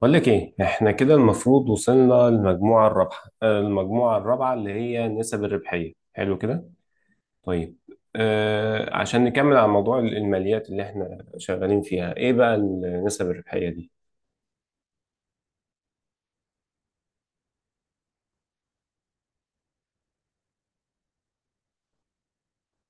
بقول لك ايه، احنا كده المفروض وصلنا للمجموعه الرابحه، المجموعه الرابعه اللي هي نسب الربحيه. حلو كده. طيب. عشان نكمل على موضوع الماليات اللي احنا شغالين فيها، ايه بقى النسب الربحيه دي؟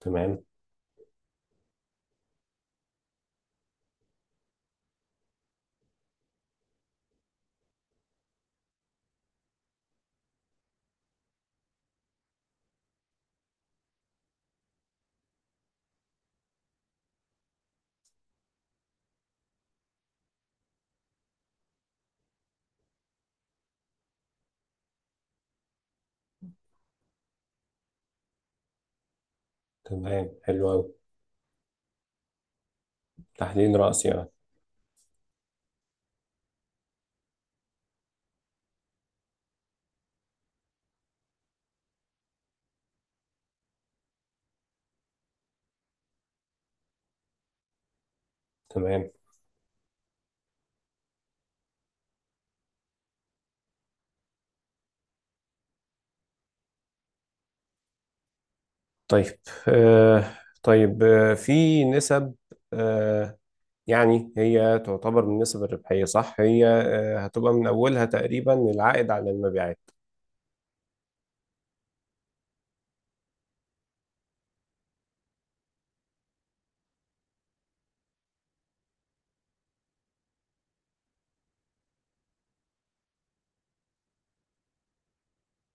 تمام. تمام، حلو قوي. تحليل رأسي يعني. تمام. طيب، آه طيب، في نسب، آه يعني هي تعتبر من النسب الربحيه، صح؟ هي هتبقى من اولها تقريبا العائد على المبيعات.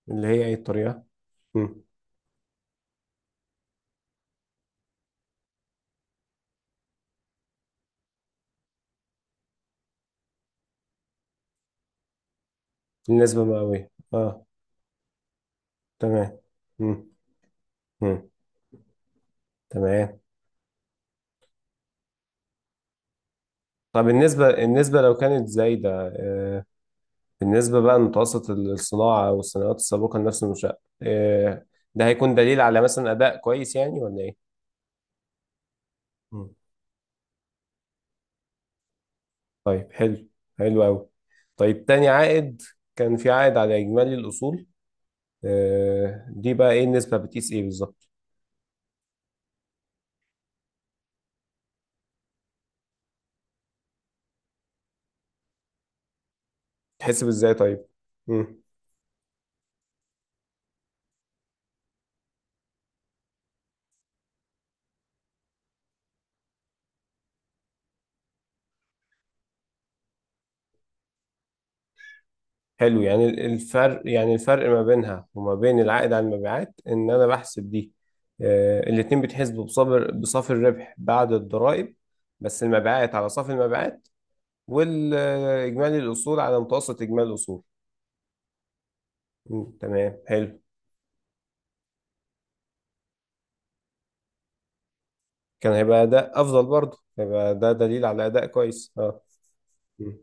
اللي هي ايه الطريقه؟ النسبة مئوية، اه. تمام. مم. مم. تمام. طب النسبة لو كانت زايدة، آه. بالنسبة بقى لمتوسط الصناعة أو الصناعات السابقة لنفس المنشأة. ده هيكون دليل على مثلا أداء كويس يعني ولا إيه؟ مم. طيب، حلو. حلو أوي. طيب، تاني عائد، كان في عائد على إجمالي الأصول. دي بقى إيه النسبة؟ بتقيس إيه بالظبط؟ تحسب إزاي طيب؟ مم. حلو. يعني الفرق، ما بينها وما بين العائد على المبيعات، ان انا بحسب دي، الاتنين بيتحسبوا بصافر، بصافي الربح بعد الضرائب. بس المبيعات على صافي المبيعات، والاجمالي الاصول على متوسط اجمالي الاصول. مم، تمام، حلو. كان هيبقى اداء افضل، برضه هيبقى ده دليل على اداء كويس، اه. مم،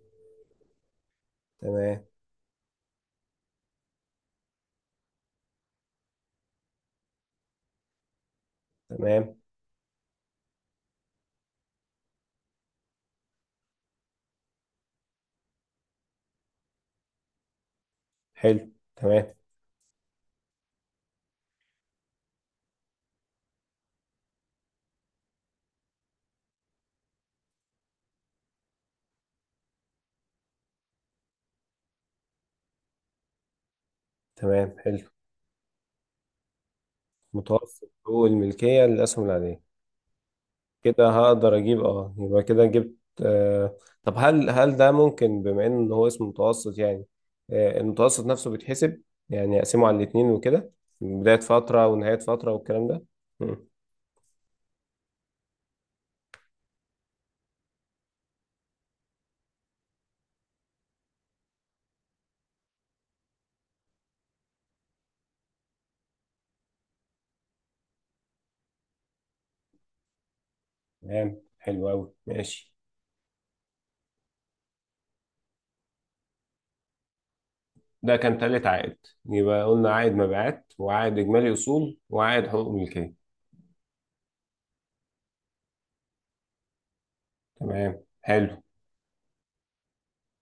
تمام. تمام، حلو. تمام. تمام، حلو. متوسط حقوق الملكية للأسهم العادية، كده هقدر اجيب، اه، يبقى كده جبت. طب هل ده ممكن بما ان هو اسم متوسط، يعني المتوسط نفسه بيتحسب؟ يعني اقسمه على الاتنين وكده؟ بداية فترة ونهاية فترة والكلام ده. مم، تمام، حلو قوي، ماشي. ده كان تالت عائد. يبقى قلنا عائد مبيعات وعائد اجمالي اصول وعائد حقوق ملكية. تمام، حلو.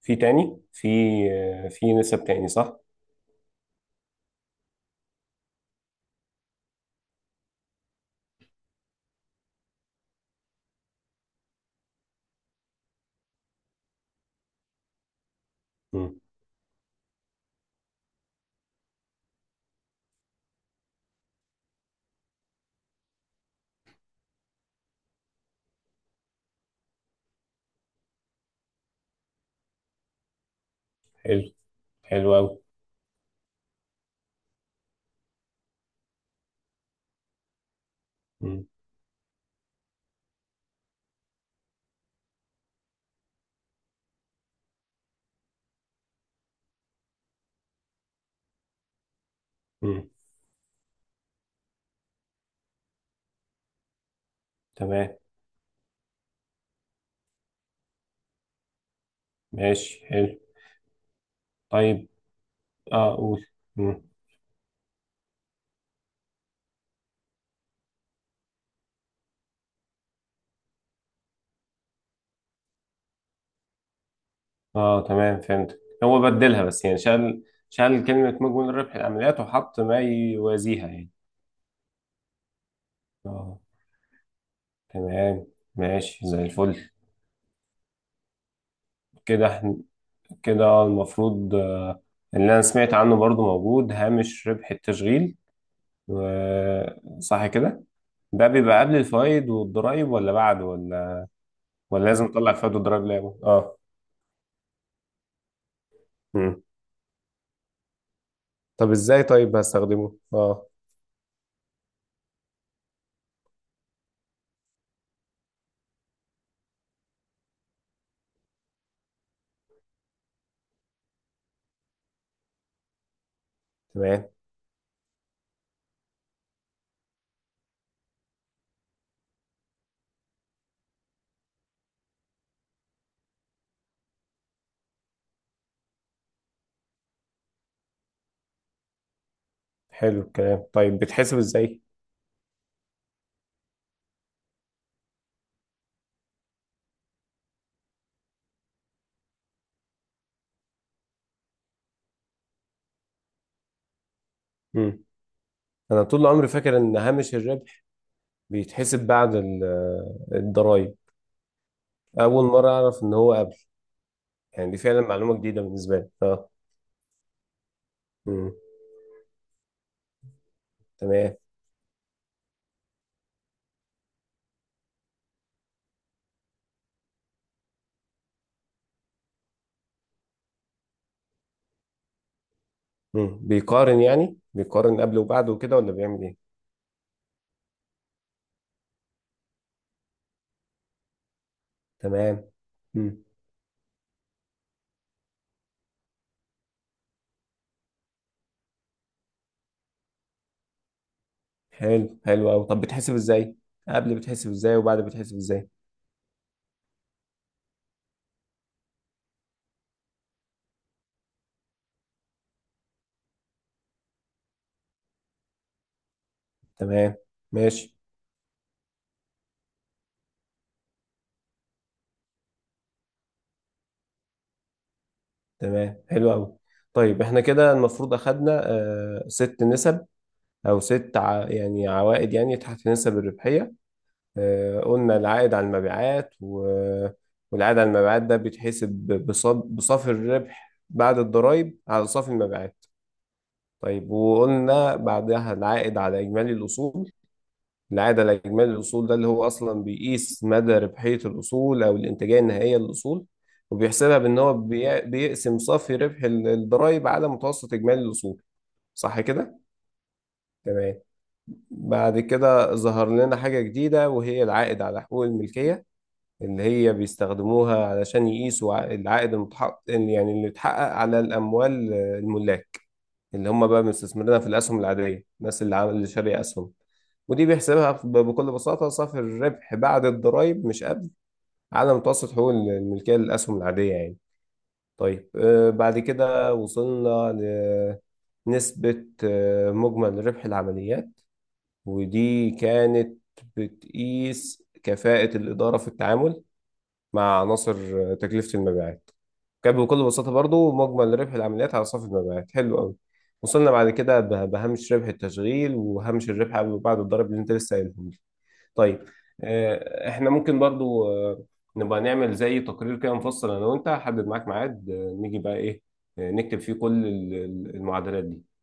في تاني في في نسب تاني، صح؟ مم، حلو. حلو قوي. تمام، ماشي، حلو. طيب، اه قول. مم. اه، تمام، فهمت، هو بدلها بس، يعني شال. شال كلمة مجمل ربح العمليات وحط ما يوازيها يعني. اه، تمام، ماشي، زي الفل. كده احنا كده المفروض، اللي انا سمعت عنه برضو موجود هامش ربح التشغيل. صح كده؟ ده بيبقى قبل الفوائد والضرائب ولا بعد، ولا لازم اطلع الفوائد والضرائب لعبه، اه؟ مم. طب ازاي؟ طيب هستخدمه، اه؟ تمام، حلو الكلام. طيب بتحسب ازاي؟ انا طول عمري فاكر ان هامش الربح بيتحسب بعد الضرايب. اول مره اعرف ان هو قبل. يعني دي فعلا معلومه جديده بالنسبه لي، اه. امم تمام. بيقارن، يعني بيقارن قبل وبعد وكده، ولا بيعمل ايه؟ تمام. امم حلو. حلو قوي. طب بتحسب ازاي؟ قبل بتحسب ازاي وبعد بتحسب ازاي؟ تمام، ماشي. تمام، حلو قوي. طيب احنا كده المفروض اخدنا ست نسب، او ست يعني عوائد، يعني تحت نسب الربحيه. قلنا العائد على المبيعات والعائد على المبيعات ده بيتحسب بصافي الربح بعد الضرائب على صافي المبيعات. طيب وقلنا بعدها العائد على إجمالي الأصول. العائد على إجمالي الأصول ده اللي هو أصلا بيقيس مدى ربحية الأصول أو الإنتاجية النهائية للأصول. وبيحسبها بأن هو بيقسم صافي ربح الضرائب على متوسط إجمالي الأصول، صح كده؟ تمام. بعد كده ظهر لنا حاجة جديدة، وهي العائد على حقوق الملكية، اللي هي بيستخدموها علشان يقيسوا العائد المتحقق، يعني اللي اتحقق على الأموال، الملاك اللي هم بقى مستثمرينها في الأسهم العادية، الناس اللي عامل، اللي شارية أسهم. ودي بيحسبها بكل بساطة صافي الربح بعد الضرايب، مش قبل، على متوسط حقوق الملكية للأسهم العادية يعني. طيب، بعد كده وصلنا لنسبة مجمل ربح العمليات. ودي كانت بتقيس كفاءة الإدارة في التعامل مع عناصر تكلفة المبيعات. كان بكل بساطة برضو مجمل ربح العمليات على صافي المبيعات. حلو قوي. وصلنا بعد كده بهامش ربح التشغيل وهامش الربح قبل وبعد الضرب اللي انت لسه قايلهم لي. طيب، احنا ممكن برضو نبقى نعمل زي تقرير كده مفصل انا وانت، هحدد معاك ميعاد نيجي بقى ايه، نكتب فيه كل المعادلات دي.